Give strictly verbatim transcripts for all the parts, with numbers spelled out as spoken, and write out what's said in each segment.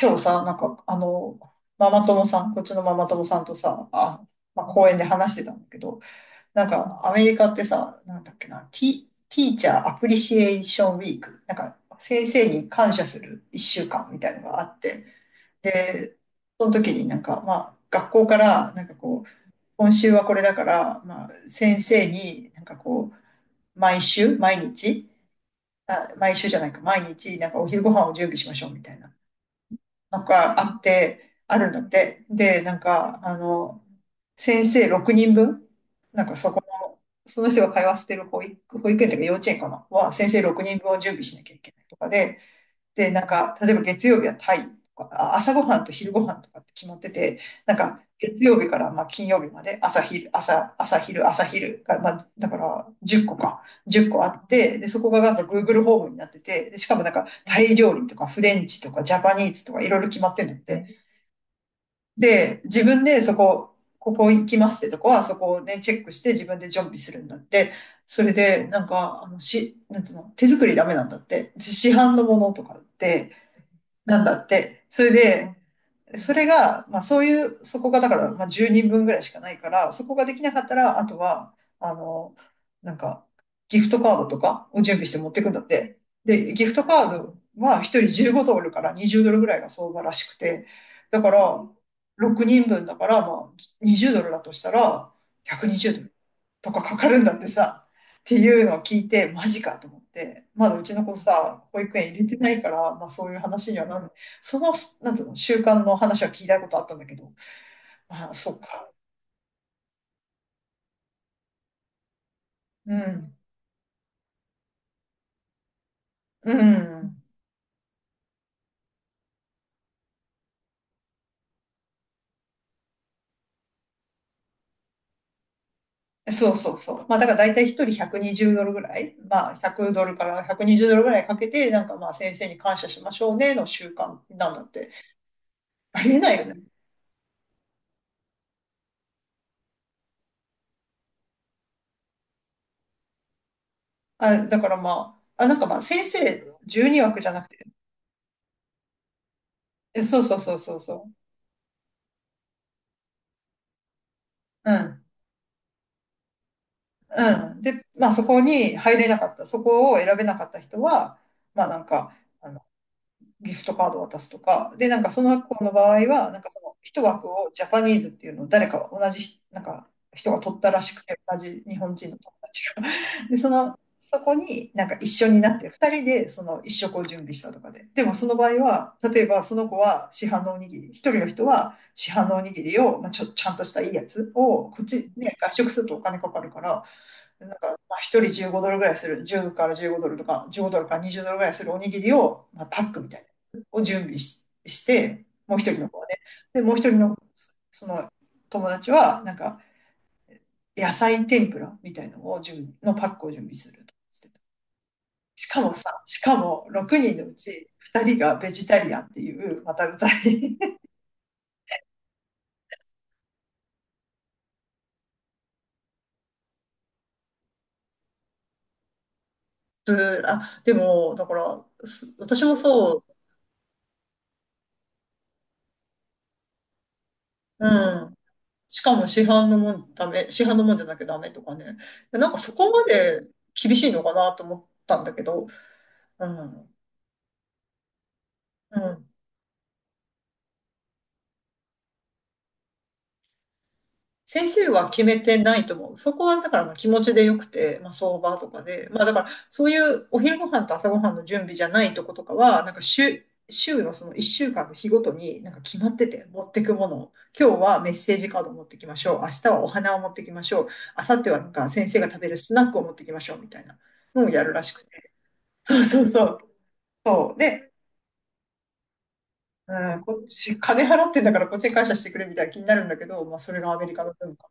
今日さ、なんか、あの、ママ友さん、こっちのママ友さんとさ、あ、まあ、公園で話してたんだけど、なんか、アメリカってさ、なんだっけな、ティ、ティーチャーアプリシエーションウィーク、なんか、先生に感謝するいっしゅうかんみたいなのがあって、で、その時になんか、まあ、学校から、なんかこう、今週はこれだから、まあ、先生になんかこう、毎週、毎日、あ、毎週じゃないか、毎日、なんかお昼ご飯を準備しましょうみたいな。なんかあって、あるんだって。で、なんか、あの、先生ろくにんぶん、なんかそこの、その人が通わせてる保育、保育園というか幼稚園かなは、先生ろくにんぶんを準備しなきゃいけないとかで、で、なんか、例えば月曜日はタイとか、あ、朝ごはんと昼ごはんとかって決まってて、なんか、月曜日からまあ金曜日まで朝昼、朝、朝昼、朝昼が、まあ、だからじゅっこか、じゅっこあって、で、そこがなんか Google ホームになってて、で、しかもなんかタイ料理とかフレンチとかジャパニーズとかいろいろ決まってんだって。で、自分でそこ、ここ行きますってとこは、そこをね、チェックして自分で準備するんだって。それで、なんか、あの、し、なんつうの、手作りダメなんだって。市販のものとかって、なんだって。それで、それが、まあそういう、そこがだから、まあじゅうにんぶんぐらいしかないから、そこができなかったら、あとは、あの、なんか、ギフトカードとかを準備して持ってくんだって。で、ギフトカードはひとりじゅうごドルからにじゅうドルぐらいが相場らしくて、だから、ろくにんぶんだから、まあにじゅうドルだとしたら、ひゃくにじゅうドル。とかかかるんだってさ、っていうのを聞いて、マジかと思って、まだうちの子さ、保育園入れてないから、まあそういう話にはなる。その、なんていうの、習慣の話は聞いたことあったんだけど、まあそうか。うん。うん。そうそうそう。まあだから大体一人ひゃくにじゅうドルぐらい、まあひゃくドルからひゃくにじゅうドルぐらいかけて、なんかまあ先生に感謝しましょうねの習慣なんだって。ありえないよね。あ、だからまあ、あ、なんかまあ先生じゅうに枠じゃなくて、え、そうそうそうそうそう。うん。うん。で、まあそこに入れなかった、そこを選べなかった人は、まあなんか、あの、ギフトカードを渡すとか、で、なんかその子の場合は、なんかその一枠をジャパニーズっていうのを誰か同じなんか人が取ったらしくて、同じ日本人の友達が。で、その、そこになんか一緒になって、ふたりでその一食を準備したとかで。でもその場合は、例えばその子は市販のおにぎり、一人の人は市販のおにぎりを、まあ、ちょ、ちゃんとしたいいやつを、こっちね、外食するとお金かかるから、なんか、まあ、一人じゅうごドルぐらいする、じゅうからじゅうごドルとか、じゅうごドルからにじゅうドルぐらいするおにぎりを、まあ、パックみたいな、を準備し、して、もう一人の子はね。で、もう一人の、その友達は、なんか、野菜天ぷらみたいなのを準備、のパックを準備するとかしてた。しかもさ、しかもろくにんのうちふたりがベジタリアンっていう、また うざい。あ、でも、だから、す私もそう、うん。しかも市販のもんダメ、市販のもんじゃなきゃダメとかね。なんかそこまで厳しいのかなと思ったんだけど、うん、うん。先生は決めてないと思う。そこはだからまあ気持ちでよくて、まあ相場とかで、まあだからそういうお昼ご飯と朝ご飯の準備じゃないとことかは、なんか週、週のそのいっしゅうかんの日ごとになんか決まってて持ってくものを。今日はメッセージカードを持ってきましょう。明日はお花を持ってきましょう。明後日はなんか先生が食べるスナックを持ってきましょうみたいなのをやるらしくて。そうそうそう。そうで、うん、こっち、金払ってんだからこっちに感謝してくれみたいな気になるんだけど、まあ、それがアメリカの文化。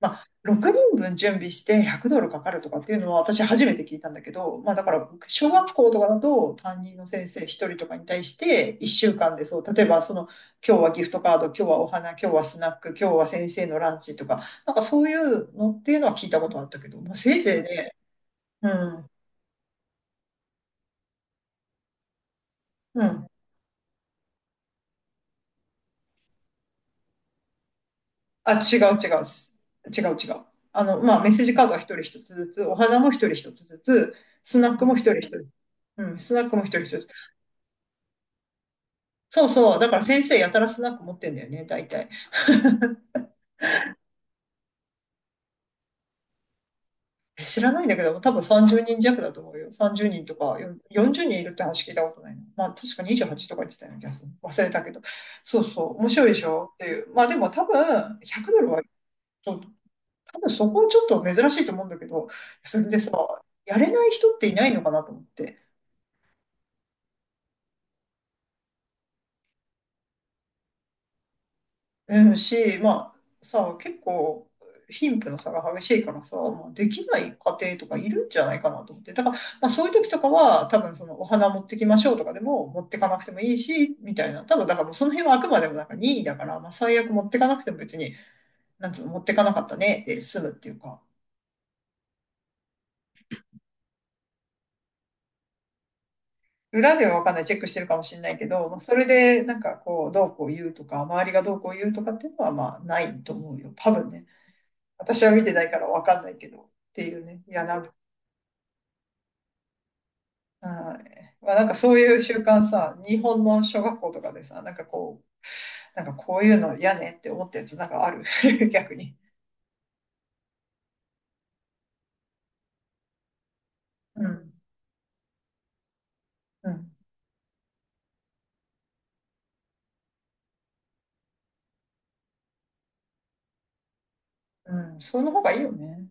まあ、ろくにんぶん準備してひゃくドルかかるとかっていうのは私初めて聞いたんだけど、まあ、だから僕小学校とかだと担任の先生ひとりとかに対していっしゅうかんでそう、例えばその今日はギフトカード、今日はお花、今日はスナック、今日は先生のランチとか、なんかそういうのっていうのは聞いたことあったけど、まあ、せいぜいね、うん、うん。あ、違う違う。す違う違う。あの、まあ、メッセージカードは一人一つずつ、お花も一人一つずつ、スナックも一人一つ。うん、スナックも一人一つ。そうそう。だから先生やたらスナック持ってんだよね、大体。知らないんだけど、多分さんじゅうにん弱だと思うよ。さんじゅうにんとかよ、よんじゅうにんいるって話聞いたことないな。まあ、確かにじゅうはちとか言ってたような気がする。忘れたけど。そうそう。面白いでしょっていう。まあ、でも多分、ひゃくドルは多分そこはちょっと珍しいと思うんだけど、それでさ、やれない人っていないのかなと思って。うんし、まあさ、結構貧富の差が激しいからさ、まあできない家庭とかいるんじゃないかなと思って。だから、まあ、そういう時とかは、多分そのお花持ってきましょうとかでも持ってかなくてもいいし、みたいな。多分だからもうその辺はあくまでもなんか任意だから、まあ最悪持ってかなくても別に、なんつうの、持ってかなかったねで済むっていうか。裏ではわかんない、チェックしてるかもしれないけど、まあ、それでなんかこう、どうこう言うとか、周りがどうこう言うとかっていうのはまあないと思うよ。多分ね。私は見てないからわかんないけど、っていうね。いや、なんか、はい、まあ、なんかそういう習慣さ、日本の小学校とかでさ、なんかこう、なんかこういうの嫌ねって思ったやつなんかある。逆に。うん。うん。うん。その方がいいよね。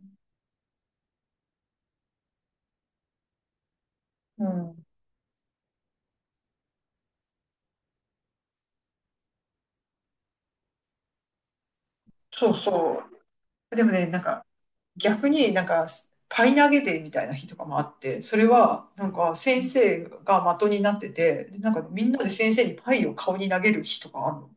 うん。そうそう。でもね、なんか、逆になんかパイ投げデーみたいな日とかもあって、それはなんか先生が的になってて、でなんかみんなで先生にパイを顔に投げる日とかあるの。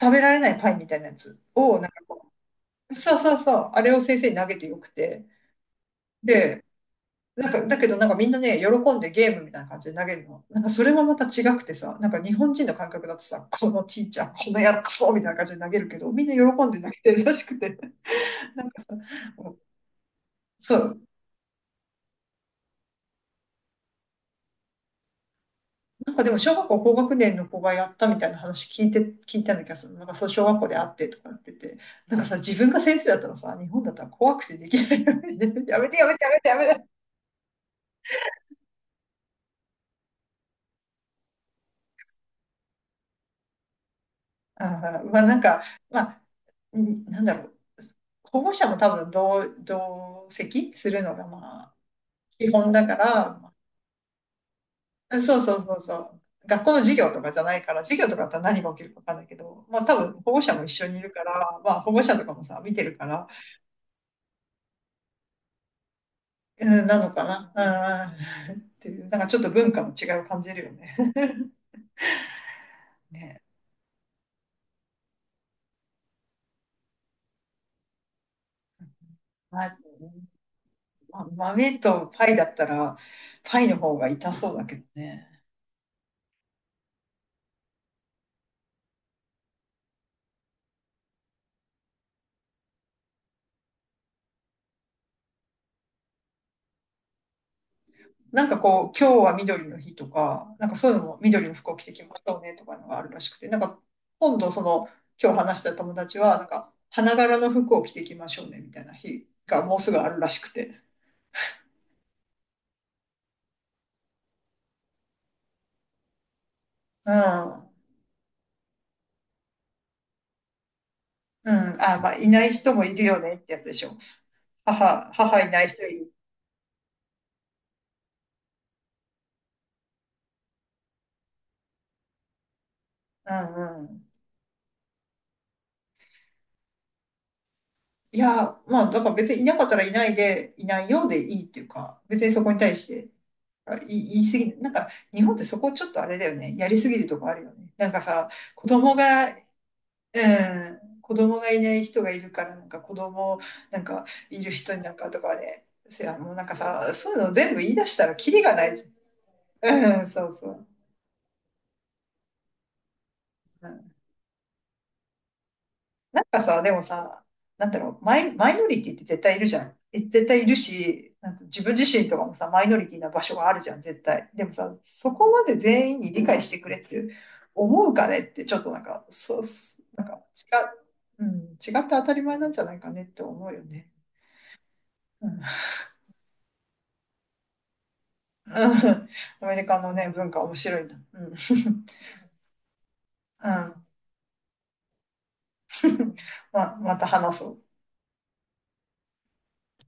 食べられないパイみたいなやつを、なんかさあさあさあ、あれを先生に投げてよくて。で、なんか、だけどなんかみんなね、喜んでゲームみたいな感じで投げるの。なんかそれもまた違くてさ、なんか日本人の感覚だとさ、このティーチャー、このやるクソみたいな感じで投げるけど、みんな喜んで投げてるらしくて。そう、なんかでも小学校高学年の子がやったみたいな話聞いて、聞いたんだけどさ、なんかそう小学校で会ってとかって言って、なんかさ、自分が先生だったらさ、日本だったら怖くてできないよね。やめてやめてやめてやめて。ああ、まあなんか、まあ、んなんだろう。保護者も多分同、同席するのがまあ、基本だから、まあそうそうそうそう。学校の授業とかじゃないから、授業とかだったら何が起きるかわかんないけど、まあ多分保護者も一緒にいるから、まあ保護者とかもさ、見てるから、うん、なのかな。うんうん。っていう、なんかちょっと文化の違いを感じるよね。まあ、ま豆とパイだったら、パイの方が痛そうだけどね。なんかこう、今日は緑の日とか、なんかそういうのも緑の服を着てきましょうねとかいうのがあるらしくて、なんか今度その、今日話した友達は、なんか花柄の服を着てきましょうねみたいな日がもうすぐあるらしくて。うん。うん。あ、まあ、いない人もいるよねってやつでしょ。母、母いない人いる。うんうん。いや、まあ、だから別にいなかったらいないで、いないようでいいっていうか、別にそこに対して、あ、い言い過ぎ、なんか、日本ってそこちょっとあれだよね。やりすぎるとこあるよね。なんかさ、子供が、うん、子供がいない人がいるから、なんか子供、なんか、いる人になんかとかね、せや、もうなんかさ、そういうの全部言い出したらキリがないじゃん。うん、そうそう。なんかさ、でもさ、なんだろう、マイ、マイノリティって絶対いるじゃん。え絶対いるし、なんか自分自身とかもさ、マイノリティな場所があるじゃん、絶対。でもさ、そこまで全員に理解してくれって思うかねって、ちょっとなんか、そう、すなんか違う、うん、違って当たり前なんじゃないかねって思うよね。うん、うんアメリカのね、文化面白いな。うん、うん、ま、また話そう。